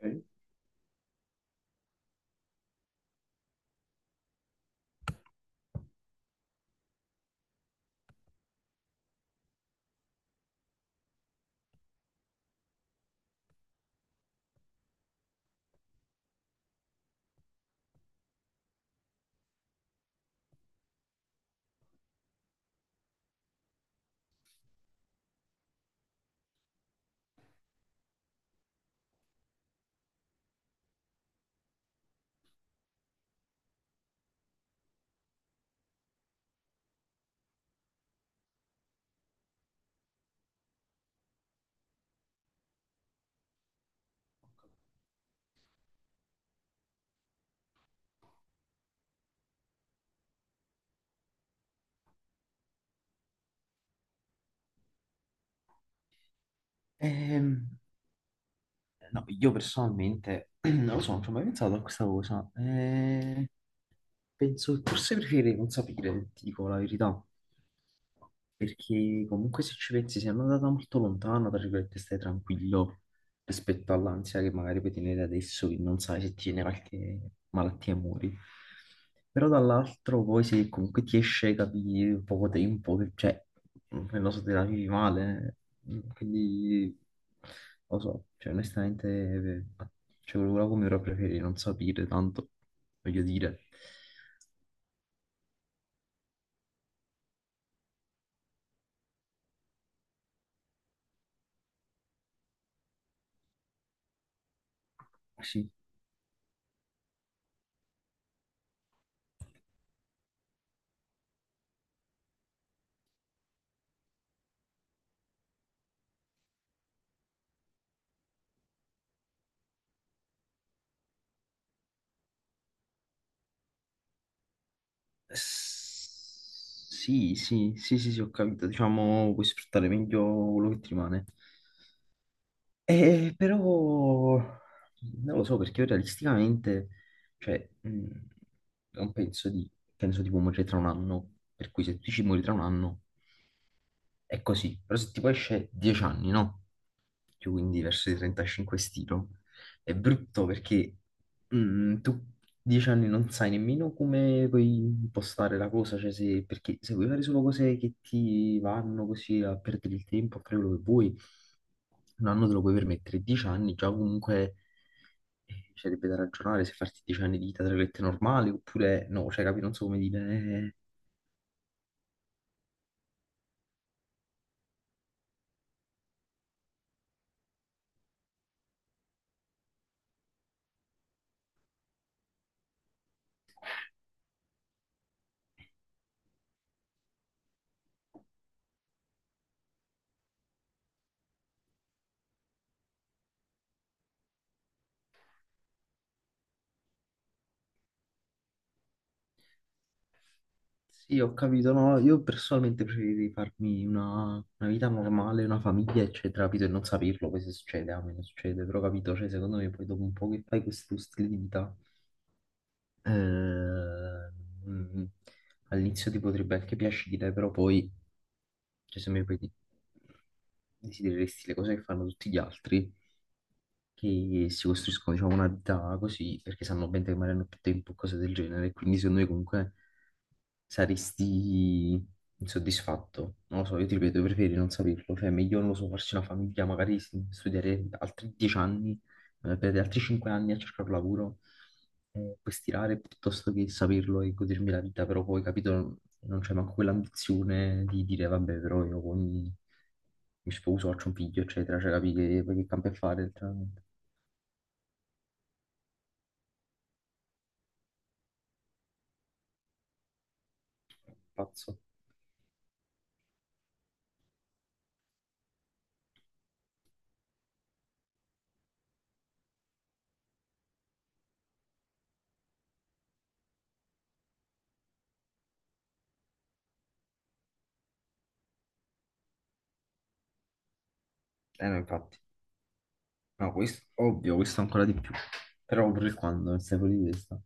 Ok. Ehm, no, io personalmente non lo so, non ci ho mai pensato a questa cosa. Penso che forse preferirei non sapere, ti dico la verità. Perché comunque se ci pensi, sei andata molto lontano, tra virgolette, stai tranquillo rispetto all'ansia che magari puoi tenere adesso, che non sai se ti viene qualche malattia e muori. Però dall'altro poi se comunque ti esce, capi, in poco tempo, cioè, non lo so, te la vivi male, eh. Mm, quindi, lo so, cioè onestamente, cioè, quello come ora preferirei non sapere tanto, voglio dire. Sì, sì, sì, sì, sì, sì, ho capito, diciamo, puoi sfruttare meglio quello che ti rimane. Però non lo so perché io realisticamente, cioè, non penso di, penso tipo morire tra un anno, per cui se tu ci muori tra un anno è così, però se tipo esce dieci anni, no? Più quindi verso i 35 stilo, è brutto perché tu dieci anni non sai nemmeno come puoi impostare la cosa, cioè se, perché se vuoi fare solo cose che ti vanno così a perdere il tempo, a fare quello che vuoi, un anno te lo puoi permettere, dieci anni già comunque ci sarebbe da ragionare se farti dieci anni di vita tra virgolette normali oppure no, cioè capi, non so come dire, eh. Sì, ho capito, no, io personalmente preferirei farmi una vita normale, una famiglia, eccetera, capito, e non saperlo, poi se succede, a me non succede, però capito, cioè secondo me poi dopo un po' che fai questo stile di vita, eh, mm, all'inizio ti potrebbe anche piacere, però poi, cioè se mi poi ti- desidereresti le cose che fanno tutti gli altri, che si costruiscono, diciamo, una vita così, perché sanno bene che magari hanno più tempo, cose del genere, quindi secondo me comunque saresti insoddisfatto. Non lo so, io ti ripeto, preferi non saperlo. Cioè, meglio, non lo so, farsi una famiglia, magari studiare altri dieci anni, perdere altri cinque anni a cercare un lavoro, puoi stirare piuttosto che saperlo e godermi la vita, però poi, capito, non c'è manco quell'ambizione di dire, vabbè, però mi sposo, faccio un figlio, eccetera, cioè capi che, poi che cambia a fare, letteralmente. Pazzo. Eh no, infatti. No, questo, ovvio, questo ancora di più. Però pure il quando, non stai fuori di testa.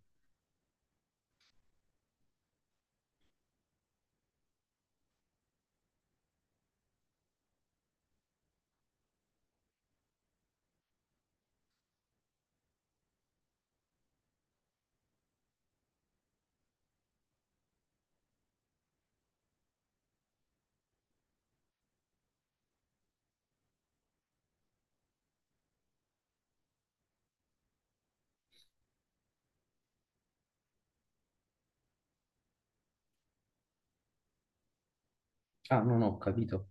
Ah, non ho capito.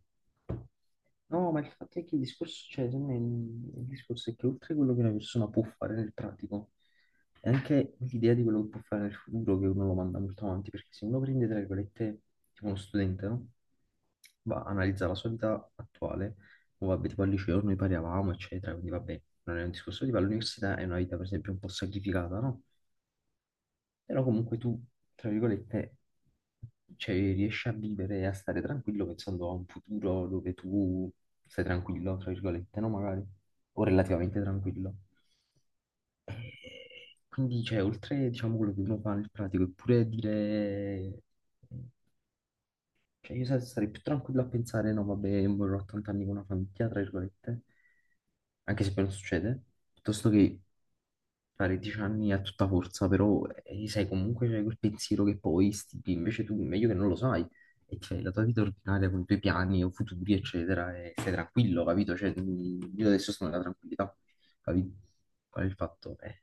No, ma il fatto è che il discorso, cioè, secondo me, il discorso è che oltre a quello che una persona può fare nel pratico, è anche l'idea di quello che può fare nel futuro che uno lo manda molto avanti, perché se uno prende, tra virgolette, tipo uno studente, no? Va, analizza la sua vita attuale, o vabbè, tipo al liceo noi paravamo, eccetera, quindi vabbè, non è un discorso tipo all'università, è una vita per esempio un po' sacrificata, no? Però comunque tu, tra virgolette, cioè, riesci a vivere e a stare tranquillo pensando a un futuro dove tu stai tranquillo, tra virgolette, no? Magari, o relativamente tranquillo. E quindi, cioè, oltre, diciamo, quello che uno fa nel pratico, è pure dire... Cioè, sarei più tranquillo a pensare, no, vabbè, morirò a 80 anni con una famiglia, tra virgolette, anche se poi non succede, piuttosto che fare dieci anni a tutta forza, però sai comunque c'è quel pensiero che poi stipi, invece tu meglio che non lo sai e ti fai la tua vita ordinaria con i tuoi piani o futuri, eccetera, e stai tranquillo, capito? Cioè, io adesso sono nella tranquillità, capito? Qual è il fatto? Eh,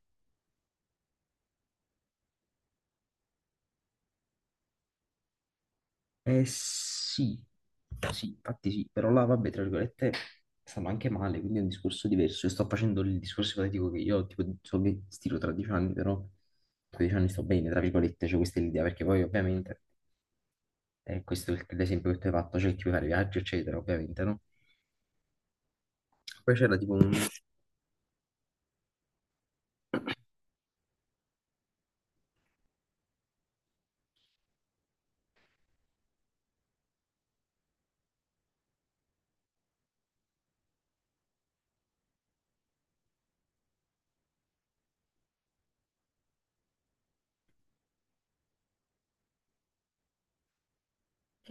eh, Sì, sì, infatti sì, però là, vabbè, tra virgolette, stavo anche male, quindi è un discorso diverso. Io sto facendo il discorso ipotetico che io, tipo, so che stiro tra dieci anni, però tra dieci anni sto bene, tra virgolette, cioè questa è l'idea, perché poi ovviamente... E questo è l'esempio che tu hai fatto, c'è il chi vuole fare viaggio, eccetera, ovviamente, no? Poi c'era tipo un...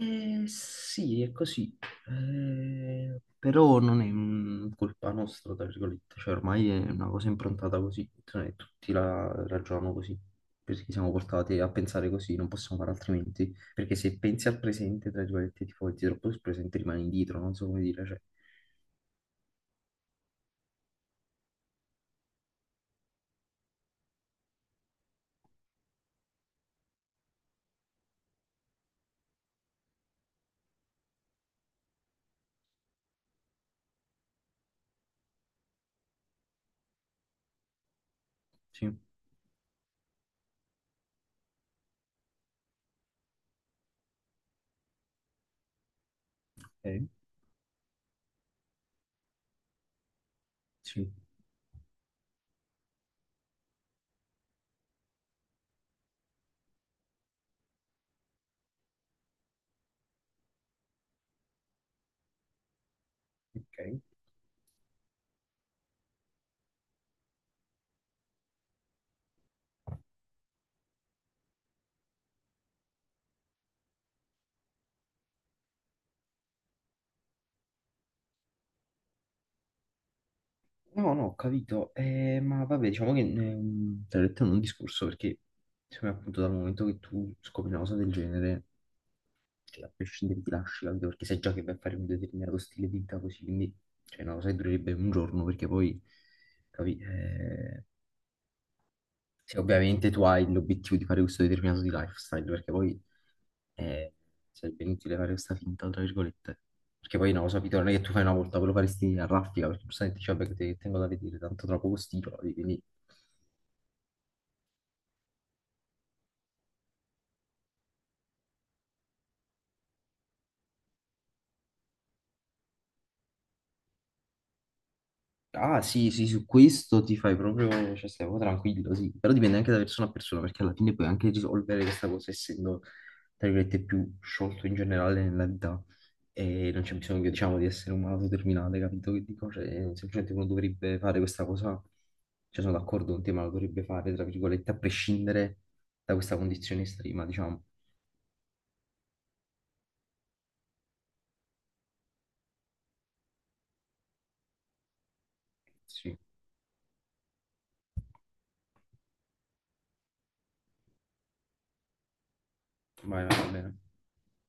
Sì, è così. Però non è colpa nostra, tra virgolette, cioè ormai è una cosa improntata così, cioè, tutti la ragionano così, perché siamo portati a pensare così, non possiamo fare altrimenti, perché se pensi al presente, tra virgolette, ti fai troppo sul presente, rimani indietro, non so come dire, cioè... Sì, ok, sì, ok. No, no, ho capito, eh, ma vabbè, diciamo che te l'ho detto in un discorso perché secondo me appunto dal momento che tu scopri una cosa del genere, che a prescindere ti lasci, capito? Perché sai già che vai a fare un determinato stile di vita così, quindi cioè, è una cosa che durerebbe un giorno perché poi, capi, se ovviamente tu hai l'obiettivo di fare questo determinato di lifestyle, perché poi eh, sarebbe inutile fare questa finta, tra virgolette. Perché poi no, sapete, non è che tu fai una volta, ve lo faresti a raffica, perché giustamente dici, vabbè, tengo da vedere, tanto tra poco stiro, quindi... Ah sì, sì, su questo ti fai proprio, cioè stai proprio tranquillo, sì, però dipende anche da persona a persona, perché alla fine puoi anche risolvere questa cosa essendo, tra virgolette, più sciolto in generale nella vita e non c'è bisogno, diciamo, di essere un malato terminale, capito che dico? Cioè, semplicemente uno dovrebbe fare questa cosa, cioè sono d'accordo con te, ma lo dovrebbe fare, tra virgolette, a prescindere da questa condizione estrema, diciamo. Sì, vai, vai, va bene.